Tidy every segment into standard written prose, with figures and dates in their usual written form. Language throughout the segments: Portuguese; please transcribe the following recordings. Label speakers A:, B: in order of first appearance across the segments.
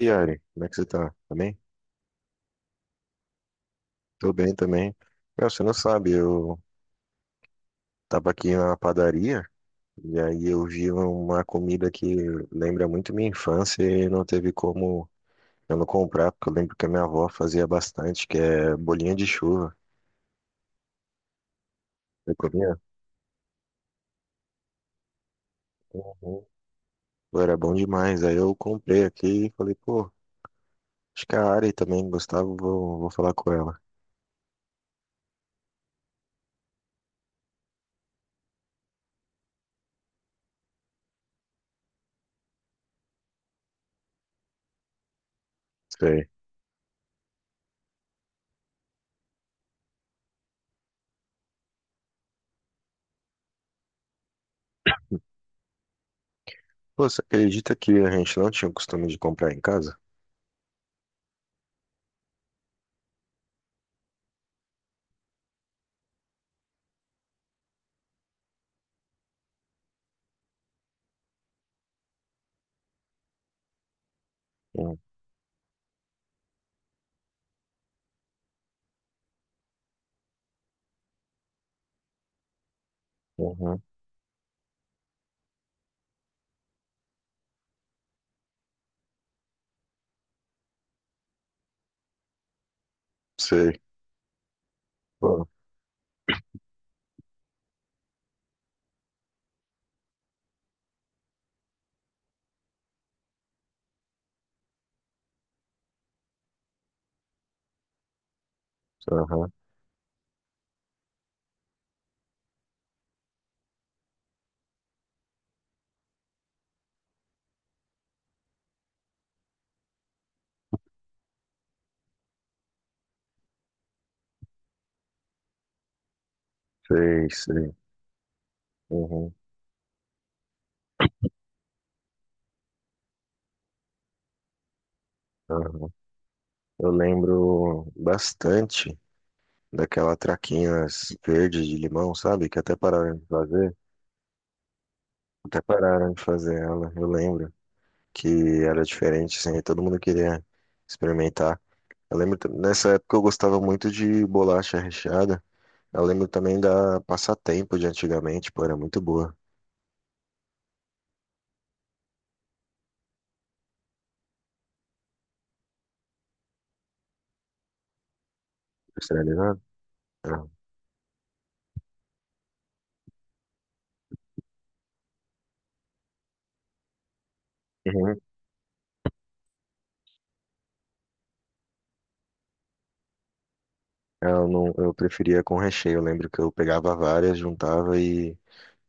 A: E, Ari, como é que você tá? Tá bem? Tô bem também. Meu, você não sabe, eu tava aqui na padaria e aí eu vi uma comida que lembra muito minha infância e não teve como eu não comprar, porque eu lembro que a minha avó fazia bastante, que é bolinha de chuva. Você comia? Uhum. Pô, era bom demais. Aí eu comprei aqui e falei, pô, acho que a Ari também gostava, vou falar com ela. Sei. Pô, você acredita que a gente não tinha o costume de comprar em casa? Hum. Uhum. Sei. Pô, aham. Sei, sei. Uhum, uhum. Eu lembro bastante daquela traquinas verde de limão, sabe? Que até pararam de fazer. Até pararam de fazer ela, eu lembro. Que era diferente, assim, e todo mundo queria experimentar. Eu lembro, nessa época eu gostava muito de bolacha recheada. Eu lembro também da passatempo de antigamente, pô, era muito boa. Industrializada? Era. Uhum. Eu não, eu preferia com recheio. Eu lembro que eu pegava várias, juntava e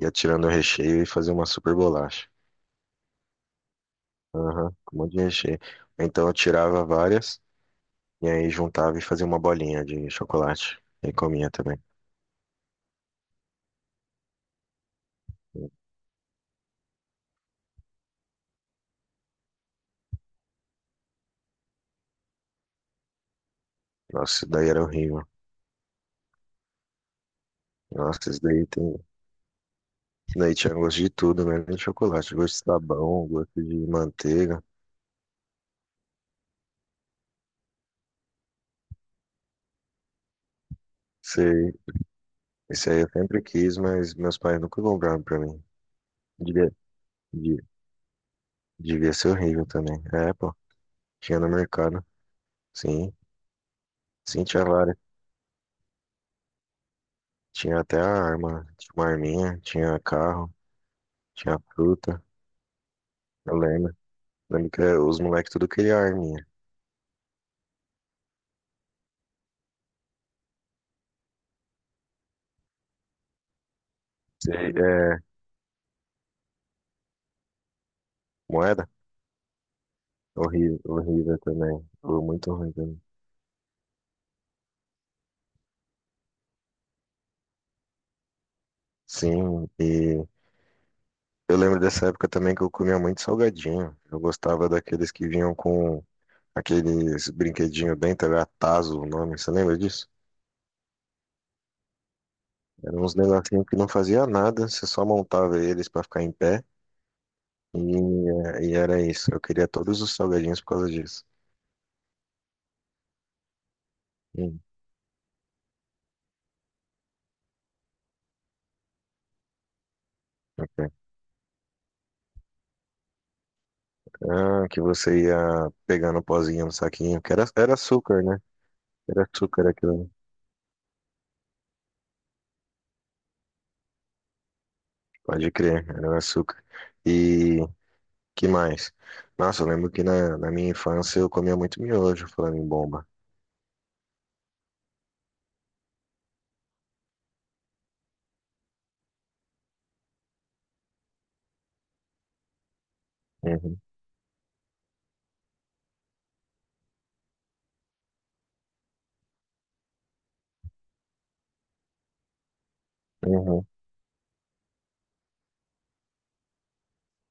A: ia tirando o recheio e fazia uma super bolacha. Aham, com um monte de recheio. Então eu tirava várias e aí juntava e fazia uma bolinha de chocolate. E comia também. Nossa, isso daí era horrível. Nossa, isso daí tem. Isso daí tinha gosto de tudo, né? Nem de chocolate. Gosto de sabão, gosto de manteiga. Sei. Isso aí eu sempre quis, mas meus pais nunca compraram pra mim. Devia, de- devia ser horrível também. É, pô. Tinha no mercado. Sim. Sim, tinha várias. Tinha até a arma. Tinha uma arminha, tinha carro. Tinha fruta, eu lembro. Lembro que eh, os moleques tudo queria arminha. É, moeda? Horrível, horrível também. Foi muito ruim também. Sim, e eu lembro dessa época também que eu comia muito salgadinho. Eu gostava daqueles que vinham com aqueles brinquedinho dentro, era tazo o nome, você lembra disso? Eram uns negocinhos que não fazia nada, você só montava eles pra ficar em pé e, e era isso. Eu queria todos os salgadinhos por causa disso. Hum. Ok. Ah, que você ia pegando o pozinho no saquinho, que era, era açúcar, né? Era açúcar aquilo, pode crer, era açúcar. E que mais? Nossa, eu lembro que na minha infância eu comia muito miojo, falando em bomba. Uhum, uhum.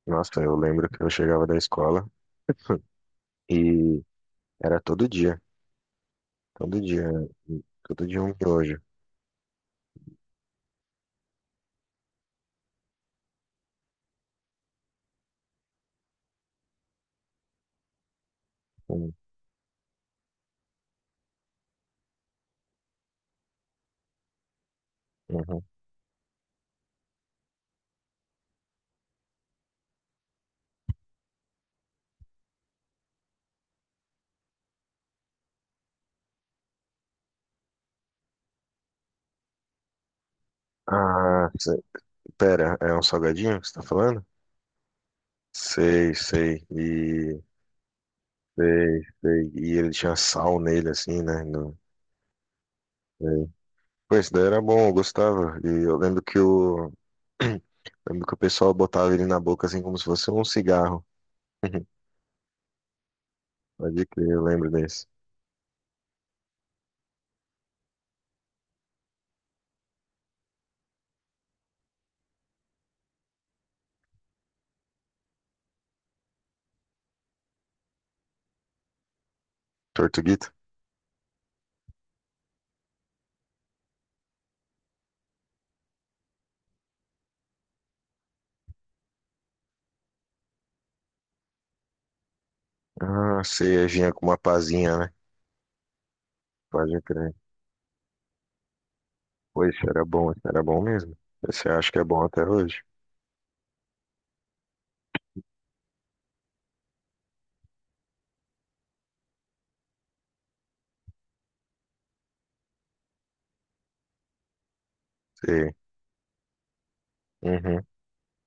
A: Nossa, eu lembro que eu chegava da escola e era todo dia, todo dia, todo dia um miojo. Uhum, uhum. Ah, pera, é um salgadinho que você tá falando? Sei, sei. Sei, sei. E ele tinha sal nele, assim, né? No... Sei. Pô, esse daí era bom, eu gostava. E eu lembro que lembro que o pessoal botava ele na boca, assim, como se fosse um cigarro. Pode crer, eu lembro desse. Tortuguito? Ah, sei, vinha com uma pazinha, né? Pode crer. Pô, esse era bom mesmo. Esse eu acho que é bom até hoje. Sei. Uhum.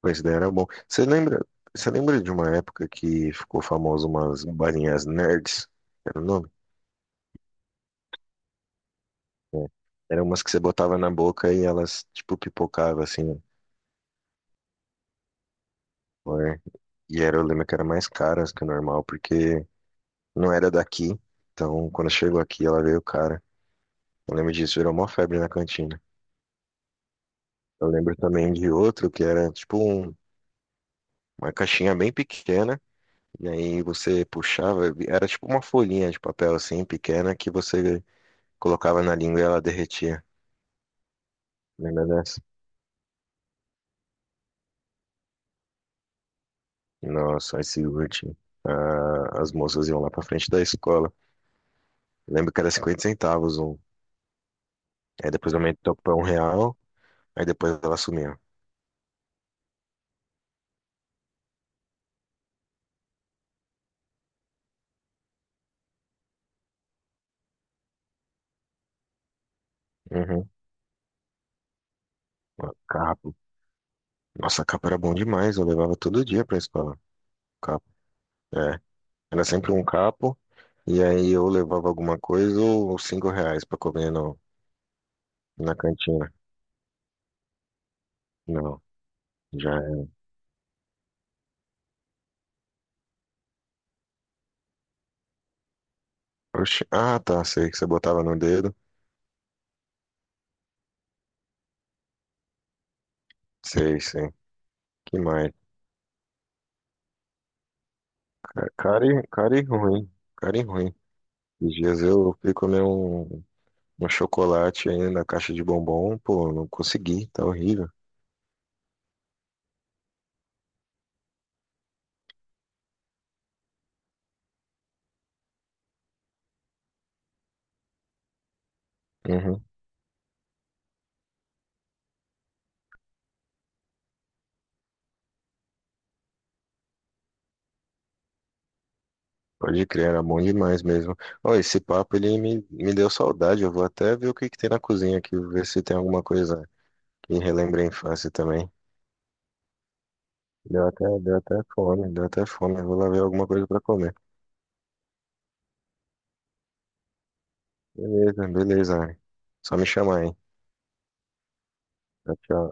A: Pô, esse daí era bom. Você lembra de uma época que ficou famoso umas balinhas nerds? Era o nome? É. Eram umas que você botava na boca e elas, tipo, pipocavam, assim, o ar. E era, eu lembro que eram mais caras que o normal, porque não era daqui. Então, quando chegou aqui, ela veio cara. Eu lembro disso, virou uma febre na cantina. Eu lembro também de outro que era, tipo, um- uma caixinha bem pequena. E aí você puxava, era tipo uma folhinha de papel, assim, pequena, que você colocava na língua e ela derretia. Lembra dessa? Nossa, esse último. Ah, as moças iam lá pra frente da escola. Lembro que era 0,50 centavos um. Aí depois aumentou pra R$ 1, aí depois ela sumiu. Uhum. A Capo. Nossa, a Capo era bom demais, eu levava todo dia pra escola. Capo. É. Era sempre um Capo, e aí eu levava alguma coisa ou R$ 5 pra comer no, na cantina. Não, já era. Oxi. Ah, tá, sei que você botava no dedo. Sei, sei. Que mais? Cara, cara e cara e ruim. Cara e ruim. Esses dias eu fui comer um. Um chocolate aí na caixa de bombom, pô, não consegui, tá horrível. Uhum, pode crer, era bom demais mesmo. Ó, esse papo ele me deu saudade, eu vou até ver o que que tem na cozinha aqui, ver se tem alguma coisa que relembra a infância também. Deu até fome, eu vou lá ver alguma coisa pra comer. Beleza, beleza, Ari. Só me chamar, hein? Tchau, tchau.